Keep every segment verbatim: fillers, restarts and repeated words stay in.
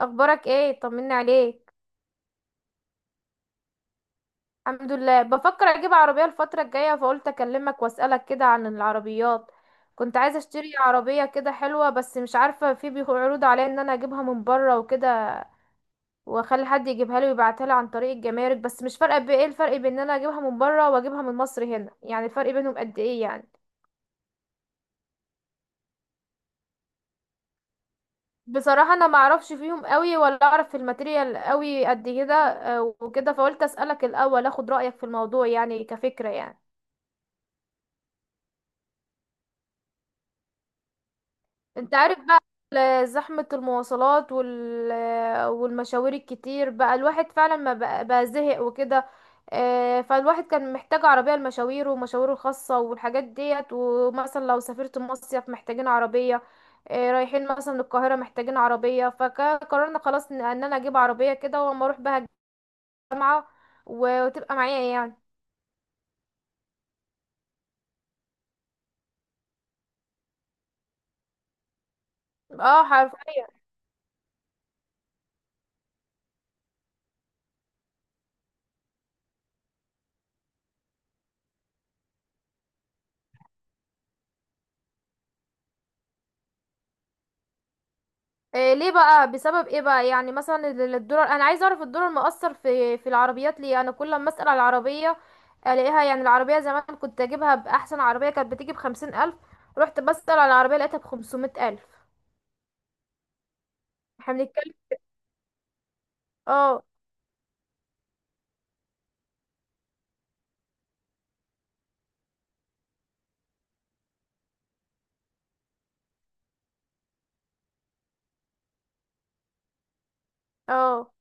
اخبارك ايه؟ طمني عليك. الحمد لله، بفكر اجيب عربية الفترة الجاية، فقلت اكلمك واسألك كده عن العربيات. كنت عايزة اشتري عربية كده حلوة، بس مش عارفة في بيخ- عروض عليا ان انا اجيبها من بره وكده، واخلي حد يجيبها لي ويبعتها لي عن طريق الجمارك. بس مش فارقة بايه الفرق بين ان انا اجيبها من بره واجيبها من مصر هنا، يعني الفرق بينهم قد ايه يعني؟ بصراحة انا ما اعرفش فيهم قوي، ولا اعرف في الماتيريال قوي قد كده، آه، وكده فقلت اسألك الاول، اخد رأيك في الموضوع يعني، كفكرة يعني. انت عارف بقى ال- زحمة المواصلات وال... والمشاوير الكتير، بقى الواحد فعلا ما بقى, بقى زهق وكده. آه، فالواحد كان محتاج عربية لمشاويره ومشاويره الخاصة والحاجات ديت، ومثلا لو سافرت مصيف محتاجين عربية، آه، رايحين مثلا القاهرة محتاجين عربية. فقررنا خلاص ان ان انا اجيب عربية كده، واما اروح بها الجامعة وتبقى معايا يعني. اه، حرفيا. إيه ليه بقى؟ بسبب ايه بقى يعني؟ مثلا ال- الدولار، انا عايزه اعرف الدولار مؤثر في في العربيات ليه. انا كل ما اسال على العربيه الاقيها، يعني العربيه زمان كنت اجيبها، باحسن عربيه كانت بتيجي بخمسين الف. رحت بسال على العربيه لقيتها بخمسمائة الف. احنا بنتكلم. اه. اه.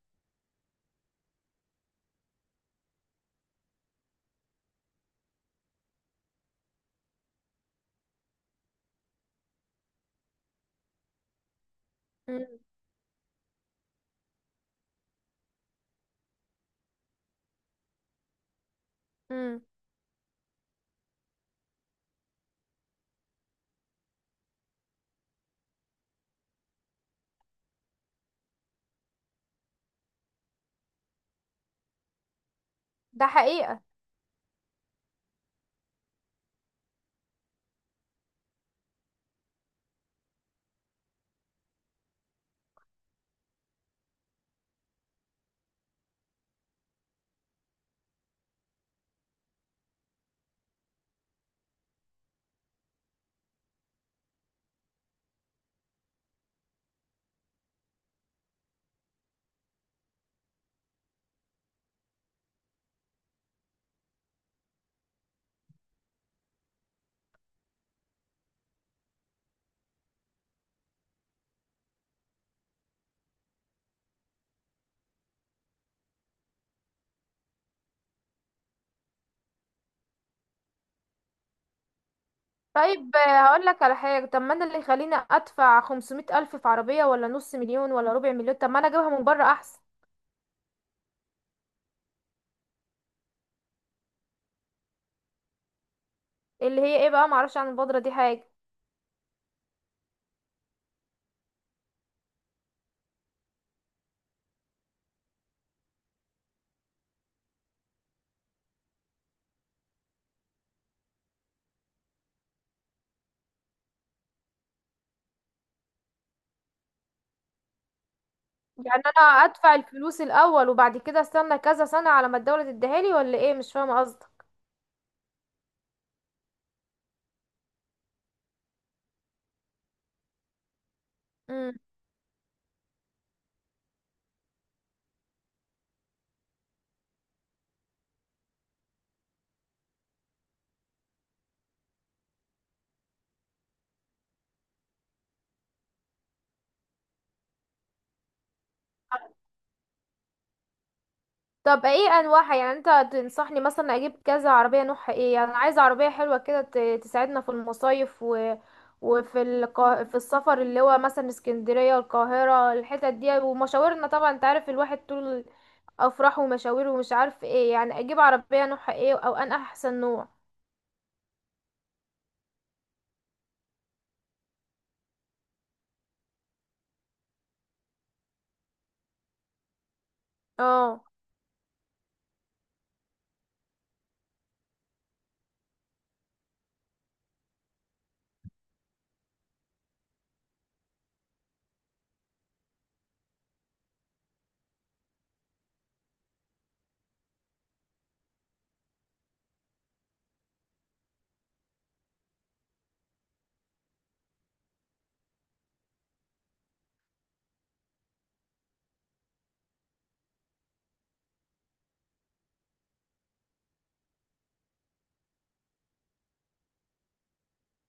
أمم، أمم، ده حقيقه. طيب، آه، هقول لك على حاجه. طب ما انا اللي يخليني ادفع خمسمائة الف في عربيه، ولا نص مليون، ولا ربع مليون؟ طب ما انا اجيبها من بره احسن. اللي هي ايه بقى؟ معرفش عن البودره دي حاجه. يعني انا ادفع الفلوس الاول، وبعد كده استنى كذا سنة على ما الدولة تديها لي، ولا ايه؟ مش فاهمة قصدك. امم. طب ايه انواعها؟ يعني انت تنصحني مثلا اجيب كذا عربية، نوعها ايه؟ يعني انا عايزة عربية حلوة كده، ت- تساعدنا في المصايف و... وفي القا... في السفر، اللي هو مثلا اسكندرية القاهرة، الحتت دي ومشاورنا. طبعا انت عارف الواحد، طول افراحه ومشاويره ومش عارف ايه. يعني اجيب عربية نوعها ايه، او ان احسن نوع اه.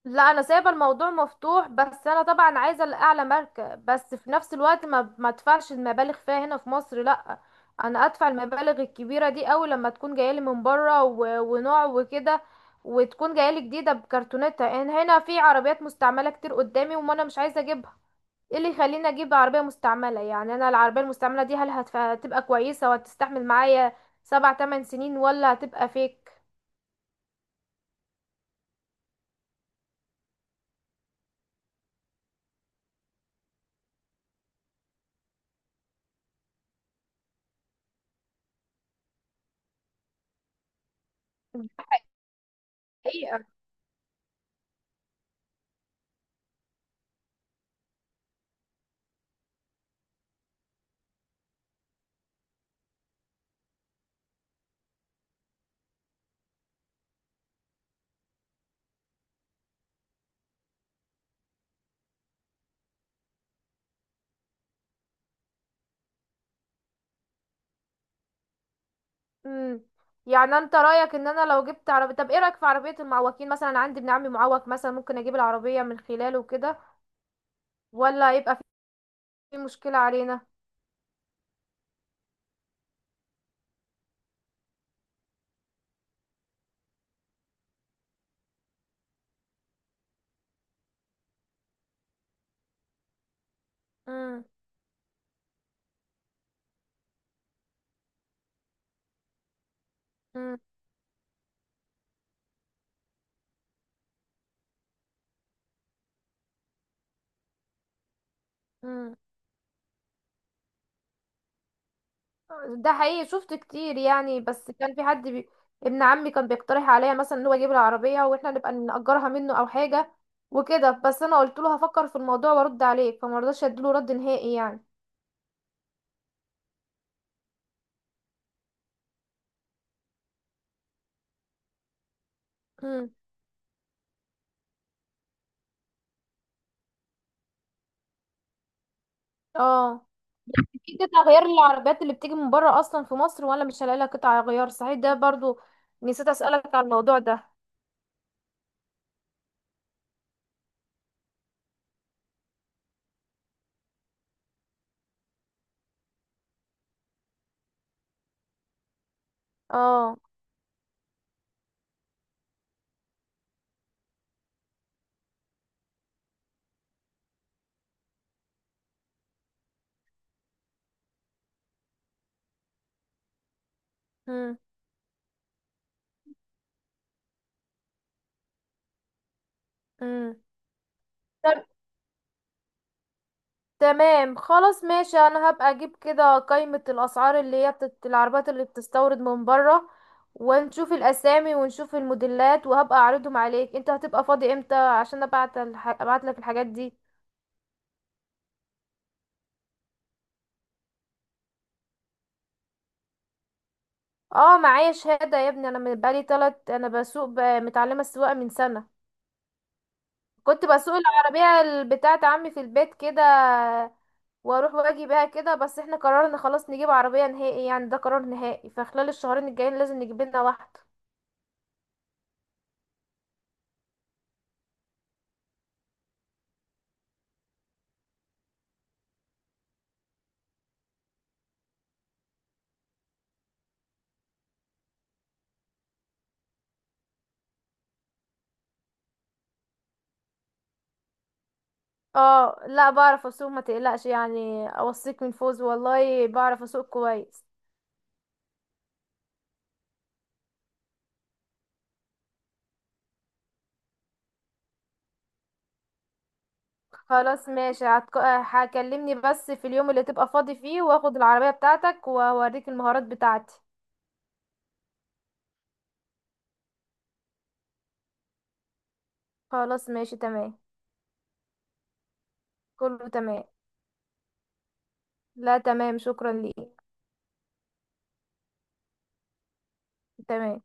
لا انا سايبه الموضوع مفتوح، بس انا طبعا عايزه الاعلى ماركه، بس في نفس الوقت ما ما ادفعش المبالغ فيها هنا في مصر، لا. انا ادفع المبالغ الكبيره دي قوي لما تكون جايه لي من بره، و... ونوع وكده، وتكون جايه لي جديده بكرتونتها. ان هنا في عربيات مستعمله كتير قدامي، وما انا مش عايزه اجيبها. ايه اللي يخليني اجيب عربيه مستعمله؟ يعني انا العربيه المستعمله دي هل هتف... هتبقى كويسه وهتستحمل معايا سبع تمن سنين، ولا هتبقى فيك؟ امم. يعني انت رايك ان انا لو جبت عربيه، طب ايه رايك في عربيه المعوقين مثلا؟ أنا عندي ابن عمي معوق مثلا، ممكن اجيب العربيه من خلاله وكده، ولا يبقى في مشكله علينا؟ امم. امم. امم. ده حقيقي، شفت كتير يعني. بس كان في حد بي... ابن عمي كان بيقترح عليا مثلا ان هو يجيب العربيه واحنا نبقى نأجرها منه او حاجه وكده. بس انا قلت له هفكر في الموضوع وارد عليك، فما رضاش اديله رد نهائي يعني. امم. اه. قطع غيار العربيات اللي بتيجي من بره اصلا في مصر، ولا مش هلاقي لها قطع غيار؟ صحيح، ده برضو نسيت اسالك على الموضوع ده. اه. امم. امم. طب تمام، خلاص ماشي. انا هبقى اجيب كده قائمة الاسعار اللي هي بتت... العربيات اللي بتستورد من بره، ونشوف الاسامي ونشوف الموديلات، وهبقى اعرضهم عليك. انت هتبقى فاضي امتى، عشان ابعت الح... ابعت لك الحاجات دي؟ اه معايا شهادة يا ابني، انا من- بقالي تلت، انا بسوق ب... متعلمة السواقة من سنة. كنت بسوق العربية بتاعة عمي في البيت كده، واروح واجي بيها كده. بس احنا قررنا خلاص نجيب عربية نهائي يعني، ده قرار نهائي، فخلال الشهرين الجايين لازم نجيب لنا واحدة. اه لا بعرف اسوق، ما تقلقش يعني، اوصيك من فوز، والله بعرف اسوق كويس. خلاص ماشي، هتك- هكلمني بس في اليوم اللي تبقى فاضي فيه، واخد العربية بتاعتك واوريك المهارات بتاعتي. خلاص ماشي تمام. كله تمام. لا تمام، شكرا ليك. تمام.